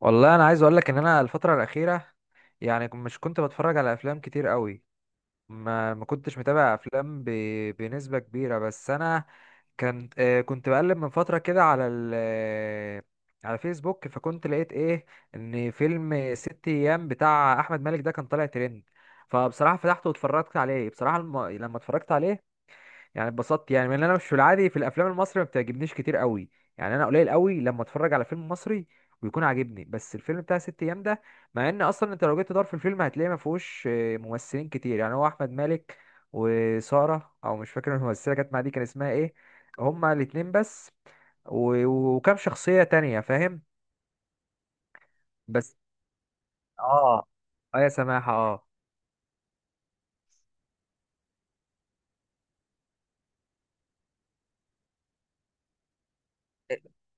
والله انا عايز اقول لك ان انا الفتره الاخيره. يعني مش كنت بتفرج على افلام كتير قوي. ما كنتش متابع افلام بنسبه كبيره، بس انا كان كنت بقلب من فتره كده على على فيسبوك، فكنت لقيت ايه؟ ان فيلم ست ايام بتاع احمد مالك ده كان طالع ترند. فبصراحه فتحته واتفرجت عليه. بصراحه لما اتفرجت عليه يعني اتبسطت. يعني من انا مش في العادي، في الافلام المصري ما بتعجبنيش كتير قوي. يعني انا قليل قوي لما اتفرج على فيلم مصري ويكون عاجبني، بس الفيلم بتاع ست ايام ده مع ان اصلا انت لو جيت تدور في الفيلم هتلاقيه ما فيهوش ممثلين كتير. يعني هو احمد مالك وسارة، او مش فاكر الممثله كانت مع دي كان اسمها ايه، هما الاتنين بس وكام شخصيه تانية، فاهم. بس اه. اه يا سماحة، اه.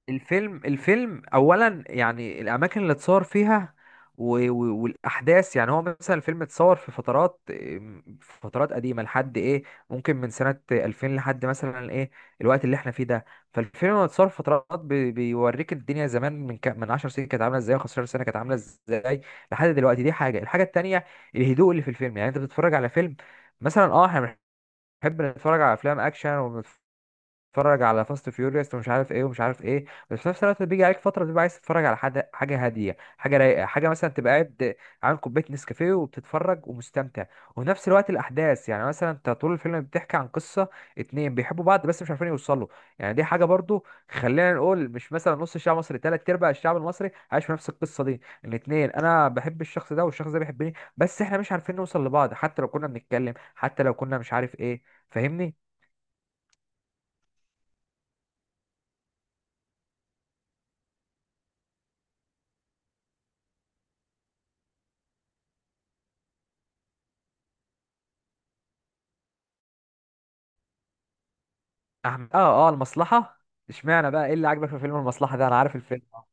الفيلم اولا يعني الاماكن اللي اتصور فيها والاحداث. يعني هو مثلا الفيلم اتصور في فترات، في فترات قديمه لحد ايه، ممكن من سنه 2000 لحد مثلا ايه، الوقت اللي احنا فيه ده. فالفيلم لما اتصور في فترات بيوريك الدنيا زمان من 10 سنين كانت عامله ازاي، و15 سنه كانت عامله ازاي، لحد دلوقتي. دي حاجه. الحاجه التانيه الهدوء اللي في الفيلم. يعني انت بتتفرج على فيلم، مثلا احنا بنحب نتفرج على افلام اكشن، تتفرج على فاست فيوريوس ومش عارف ايه ومش عارف ايه، بس في نفس الوقت بيجي عليك فتره بتبقى عايز تتفرج على حاجه، حاجه هاديه، حاجه رايقه، حاجه مثلا تبقى قاعد عامل كوبايه نسكافيه وبتتفرج ومستمتع. وفي نفس الوقت الاحداث، يعني مثلا انت طول الفيلم بتحكي عن قصه اتنين بيحبوا بعض بس مش عارفين يوصلوا. يعني دي حاجه برضو، خلينا نقول مش مثلا نص الشعب المصري، تلات ارباع الشعب المصري عايش في نفس القصه دي. الاتنين، انا بحب الشخص ده والشخص ده بيحبني، بس احنا مش عارفين نوصل لبعض، حتى لو كنا بنتكلم، حتى لو كنا مش عارف ايه. فاهمني. احمد، اه. اه، المصلحه. اشمعنى بقى؟ ايه اللي عاجبك في فيلم المصلحه ده؟ انا عارف الفيلم.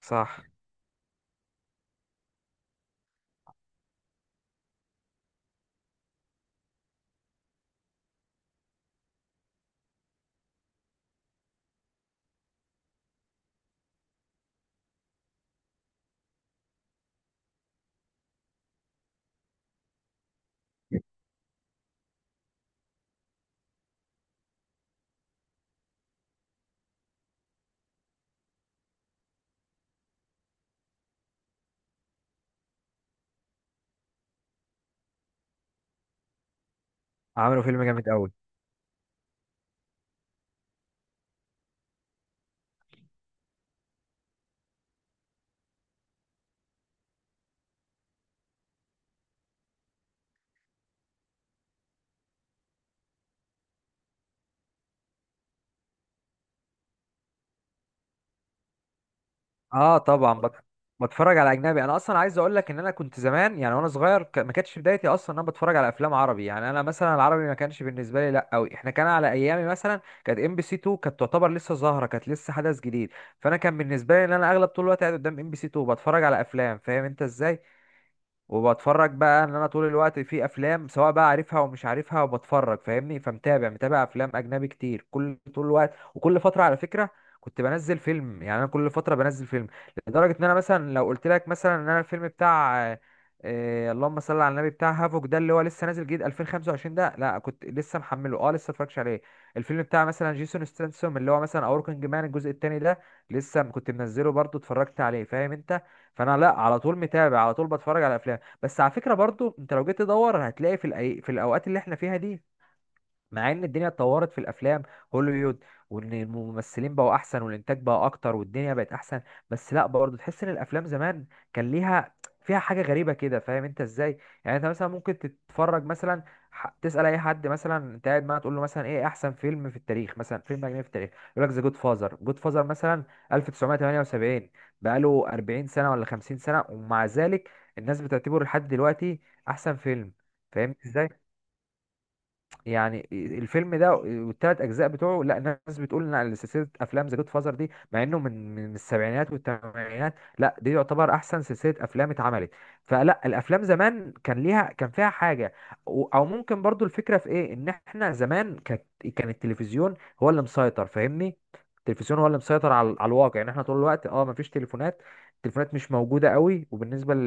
صح. عملوا فيلم جامد قوي. اه طبعا بتفرج على اجنبي. انا اصلا عايز اقول لك ان انا كنت زمان، يعني وانا صغير ما كانتش بدايتي اصلا ان انا بتفرج على افلام عربي. يعني انا مثلا العربي ما كانش بالنسبه لي لا قوي. احنا كان على ايامي مثلا كانت ام بي سي 2 كانت تعتبر لسه ظاهره، كانت لسه حدث جديد. فانا كان بالنسبه لي ان انا اغلب طول الوقت قاعد قدام ام بي سي 2 بتفرج على افلام، فاهم انت ازاي. وبتفرج بقى ان انا طول الوقت في افلام، سواء بقى عارفها ومش عارفها وبتفرج، فاهمني. فمتابع، افلام اجنبي كتير كل طول الوقت. وكل فتره على فكره كنت بنزل فيلم. يعني انا كل فتره بنزل فيلم، لدرجه ان انا مثلا لو قلت لك مثلا ان انا الفيلم بتاع اللهم صل على النبي، بتاع هافوك ده اللي هو لسه نازل جديد 2025 ده، لا كنت لسه محمله، لسه متفرجش عليه. الفيلم بتاع مثلا جيسون ستانسوم اللي هو مثلا اوركينج مان الجزء التاني ده لسه كنت منزله برضه اتفرجت عليه، فاهم انت. فانا لا، على طول متابع، على طول بتفرج على افلام. بس على فكرة برضو انت لو جيت تدور هتلاقي في الاوقات اللي احنا فيها دي، مع ان الدنيا اتطورت في الافلام، هوليوود، وان الممثلين بقوا احسن والانتاج بقى اكتر والدنيا بقت احسن، بس لا برضه تحس ان الافلام زمان كان ليها، فيها حاجه غريبه كده، فاهم انت ازاي. يعني انت مثلا ممكن تتفرج مثلا تسال اي حد مثلا انت قاعد معاه، تقول له مثلا ايه احسن فيلم في التاريخ، مثلا فيلم اجنبي في التاريخ، يقول لك ذا جود فازر. جود فازر مثلا 1978، بقاله 40 سنه ولا 50 سنه، ومع ذلك الناس بتعتبره لحد دلوقتي احسن فيلم. فاهم ازاي؟ يعني الفيلم ده والتلات اجزاء بتوعه، لا ناس بتقول ان على سلسله افلام ذا جود فازر دي، مع انه من السبعينات والثمانينات، لا دي يعتبر احسن سلسله افلام اتعملت. فلا الافلام زمان كان ليها، كان فيها حاجه، او ممكن برضو الفكره في ايه، ان احنا زمان كانت، كان التلفزيون هو اللي مسيطر، فاهمني. التلفزيون هو اللي مسيطر على الواقع. يعني احنا طول الوقت مفيش تليفونات، التليفونات مش موجوده قوي، وبالنسبه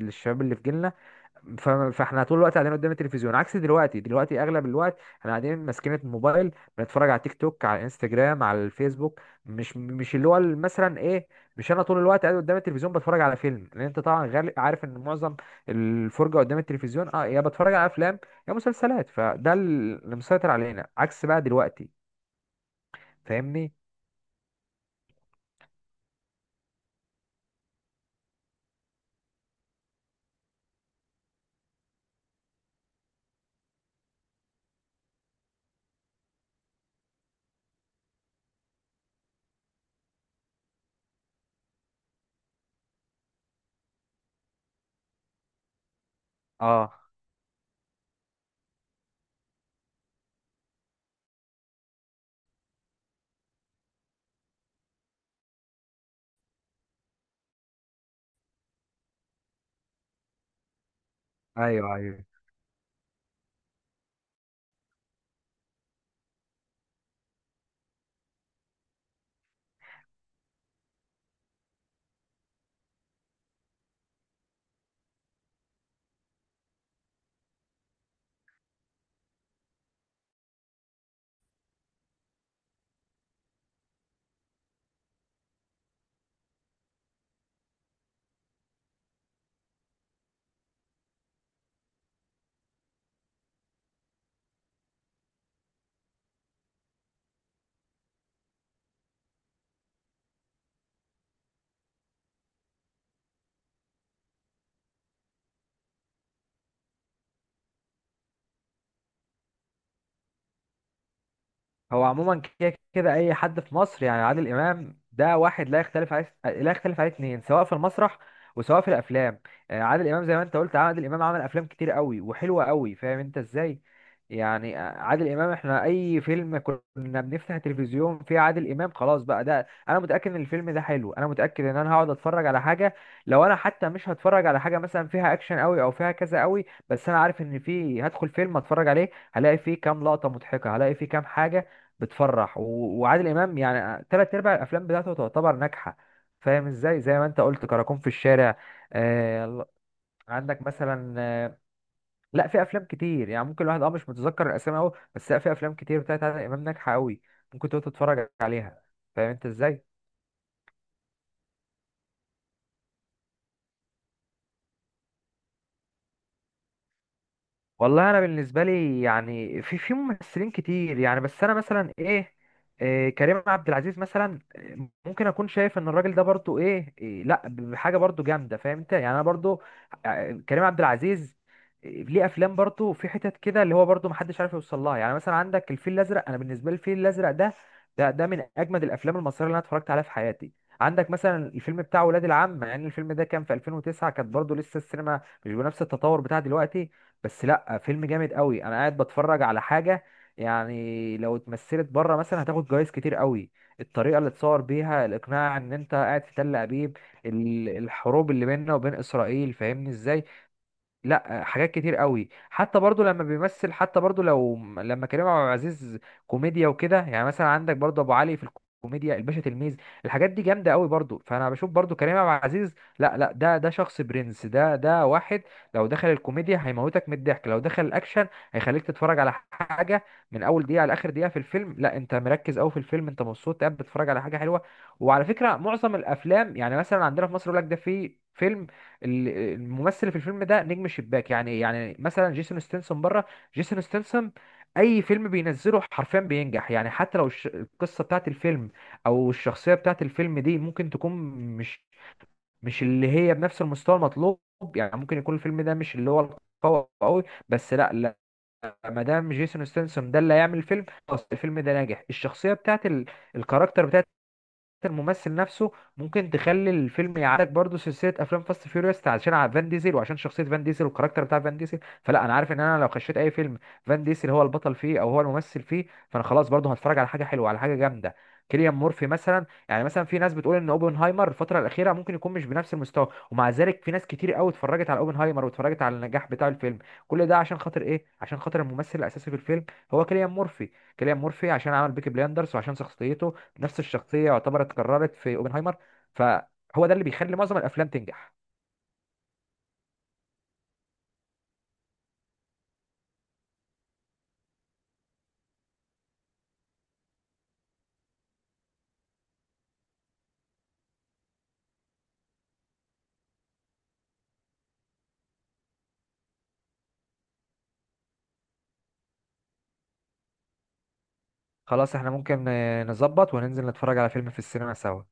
للشباب اللي في جيلنا، فاحنا طول الوقت قاعدين قدام التلفزيون، عكس دلوقتي. دلوقتي اغلب الوقت احنا قاعدين ماسكين الموبايل، بنتفرج على تيك توك، على انستجرام، على الفيسبوك. مش اللي هو مثلا ايه، مش انا طول الوقت قاعد قدام التلفزيون بتفرج على فيلم، لان انت طبعا عارف ان معظم الفرجه قدام التلفزيون يا بتفرج على افلام، يا مسلسلات، فده اللي مسيطر علينا عكس بقى دلوقتي. فاهمني. اه، ايوه، ايوه. هو عموما كده كده اي حد في مصر يعني عادل امام ده واحد لا يختلف عليه، لا يختلف عليه اتنين، سواء في المسرح وسواء في الافلام. عادل امام، زي ما انت قلت، عادل امام عمل افلام كتير قوي وحلوه قوي، فاهم انت ازاي. يعني عادل امام احنا اي فيلم كنا بنفتح التلفزيون فيه عادل امام خلاص بقى ده انا متاكد ان الفيلم ده حلو، انا متاكد ان انا هقعد اتفرج على حاجه، لو انا حتى مش هتفرج على حاجه مثلا فيها اكشن قوي او فيها كذا قوي، بس انا عارف ان فيه، هدخل فيلم اتفرج عليه هلاقي فيه كام لقطه مضحكه، هلاقي فيه كام حاجه بتفرح. وعادل امام يعني تلات ارباع الافلام بتاعته تعتبر ناجحه، فاهم ازاي. زي ما انت قلت كراكون في الشارع، آه ال- عندك مثلا، لا في افلام كتير. يعني ممكن الواحد مش متذكر الاسامي قوي، بس لا في افلام كتير بتاعت عادل امام ناجحه قوي، ممكن تقعد تتفرج عليها، فاهم انت ازاي. والله انا بالنسبه لي يعني في ممثلين كتير يعني، بس انا مثلا ايه, إيه كريم عبد العزيز مثلا، ممكن اكون شايف ان الراجل ده برضو ايه, إيه لا بحاجه برضو جامده، فاهم انت. يعني انا برضو كريم عبد العزيز، ليه افلام برضو في حتت كده اللي هو برضو محدش عارف يوصل لها. يعني مثلا عندك الفيل الازرق. انا بالنسبه لي الفيل الازرق ده من اجمد الافلام المصريه اللي انا اتفرجت عليها في حياتي. عندك مثلا الفيلم بتاع ولاد العم، يعني الفيلم ده كان في 2009، كانت برضو لسه السينما مش بنفس التطور بتاع دلوقتي، بس لا فيلم جامد قوي. انا قاعد بتفرج على حاجه، يعني لو اتمثلت بره مثلا هتاخد جوائز كتير قوي. الطريقه اللي اتصور بيها، الاقناع ان انت قاعد في تل ابيب، الحروب اللي بيننا وبين اسرائيل، فاهمني ازاي. لا حاجات كتير قوي حتى برضو لما بيمثل، حتى برضو لما كريم عبد العزيز كوميديا وكده، يعني مثلا عندك برضو ابو علي في الكوميديا، الباشا تلميذ، الحاجات دي جامده قوي برضو، فانا بشوف برضو كريم عبد العزيز لا لا، ده شخص برنس، ده واحد لو دخل الكوميديا هيموتك من الضحك، لو دخل الاكشن هيخليك تتفرج على حاجه من اول دقيقه لاخر دقيقه في الفيلم. لا انت مركز قوي في الفيلم، انت مبسوط قاعد بتتفرج على حاجه حلوه. وعلى فكره معظم الافلام يعني مثلا عندنا في مصر يقول لك ده في فيلم، ال- الممثل في الفيلم ده نجم شباك. يعني مثلا جيسون ستنسون بره، جيسون ستنسون اي فيلم بينزله حرفيا بينجح. يعني حتى لو القصه بتاعت الفيلم او الشخصيه بتاعت الفيلم دي ممكن تكون مش، اللي هي بنفس المستوى المطلوب. يعني ممكن يكون الفيلم ده مش اللي هو القوي قوي، بس لا لا، ما دام جيسون ستنسون ده اللي هيعمل الفيلم خلاص الفيلم ده ناجح. الشخصيه بتاعت الكاركتر، الممثل نفسه ممكن تخلي الفيلم يعالج برضه. سلسله افلام فاست فيوريوس عشان على فان ديزل وعشان شخصيه فان ديزل والكاركتر بتاع فان ديزل، فلا انا عارف ان انا لو خشيت اي فيلم فان ديزل هو البطل فيه او هو الممثل فيه، فانا خلاص برضه هتفرج على حاجه حلوه، على حاجه جامده. كيليان مورفي مثلا، يعني مثلا في ناس بتقول ان اوبنهايمر الفتره الاخيره ممكن يكون مش بنفس المستوى، ومع ذلك في ناس كتير قوي اتفرجت على اوبنهايمر، واتفرجت على النجاح بتاع الفيلم. كل ده عشان خاطر ايه؟ عشان خاطر الممثل الاساسي في الفيلم، هو كيليان مورفي. كيليان مورفي عشان عمل بيكي بلاندرز وعشان شخصيته نفس الشخصيه يعتبر اتكررت في اوبنهايمر، فهو ده اللي بيخلي معظم الافلام تنجح. خلاص احنا ممكن نظبط وننزل نتفرج على فيلم في السينما سوا.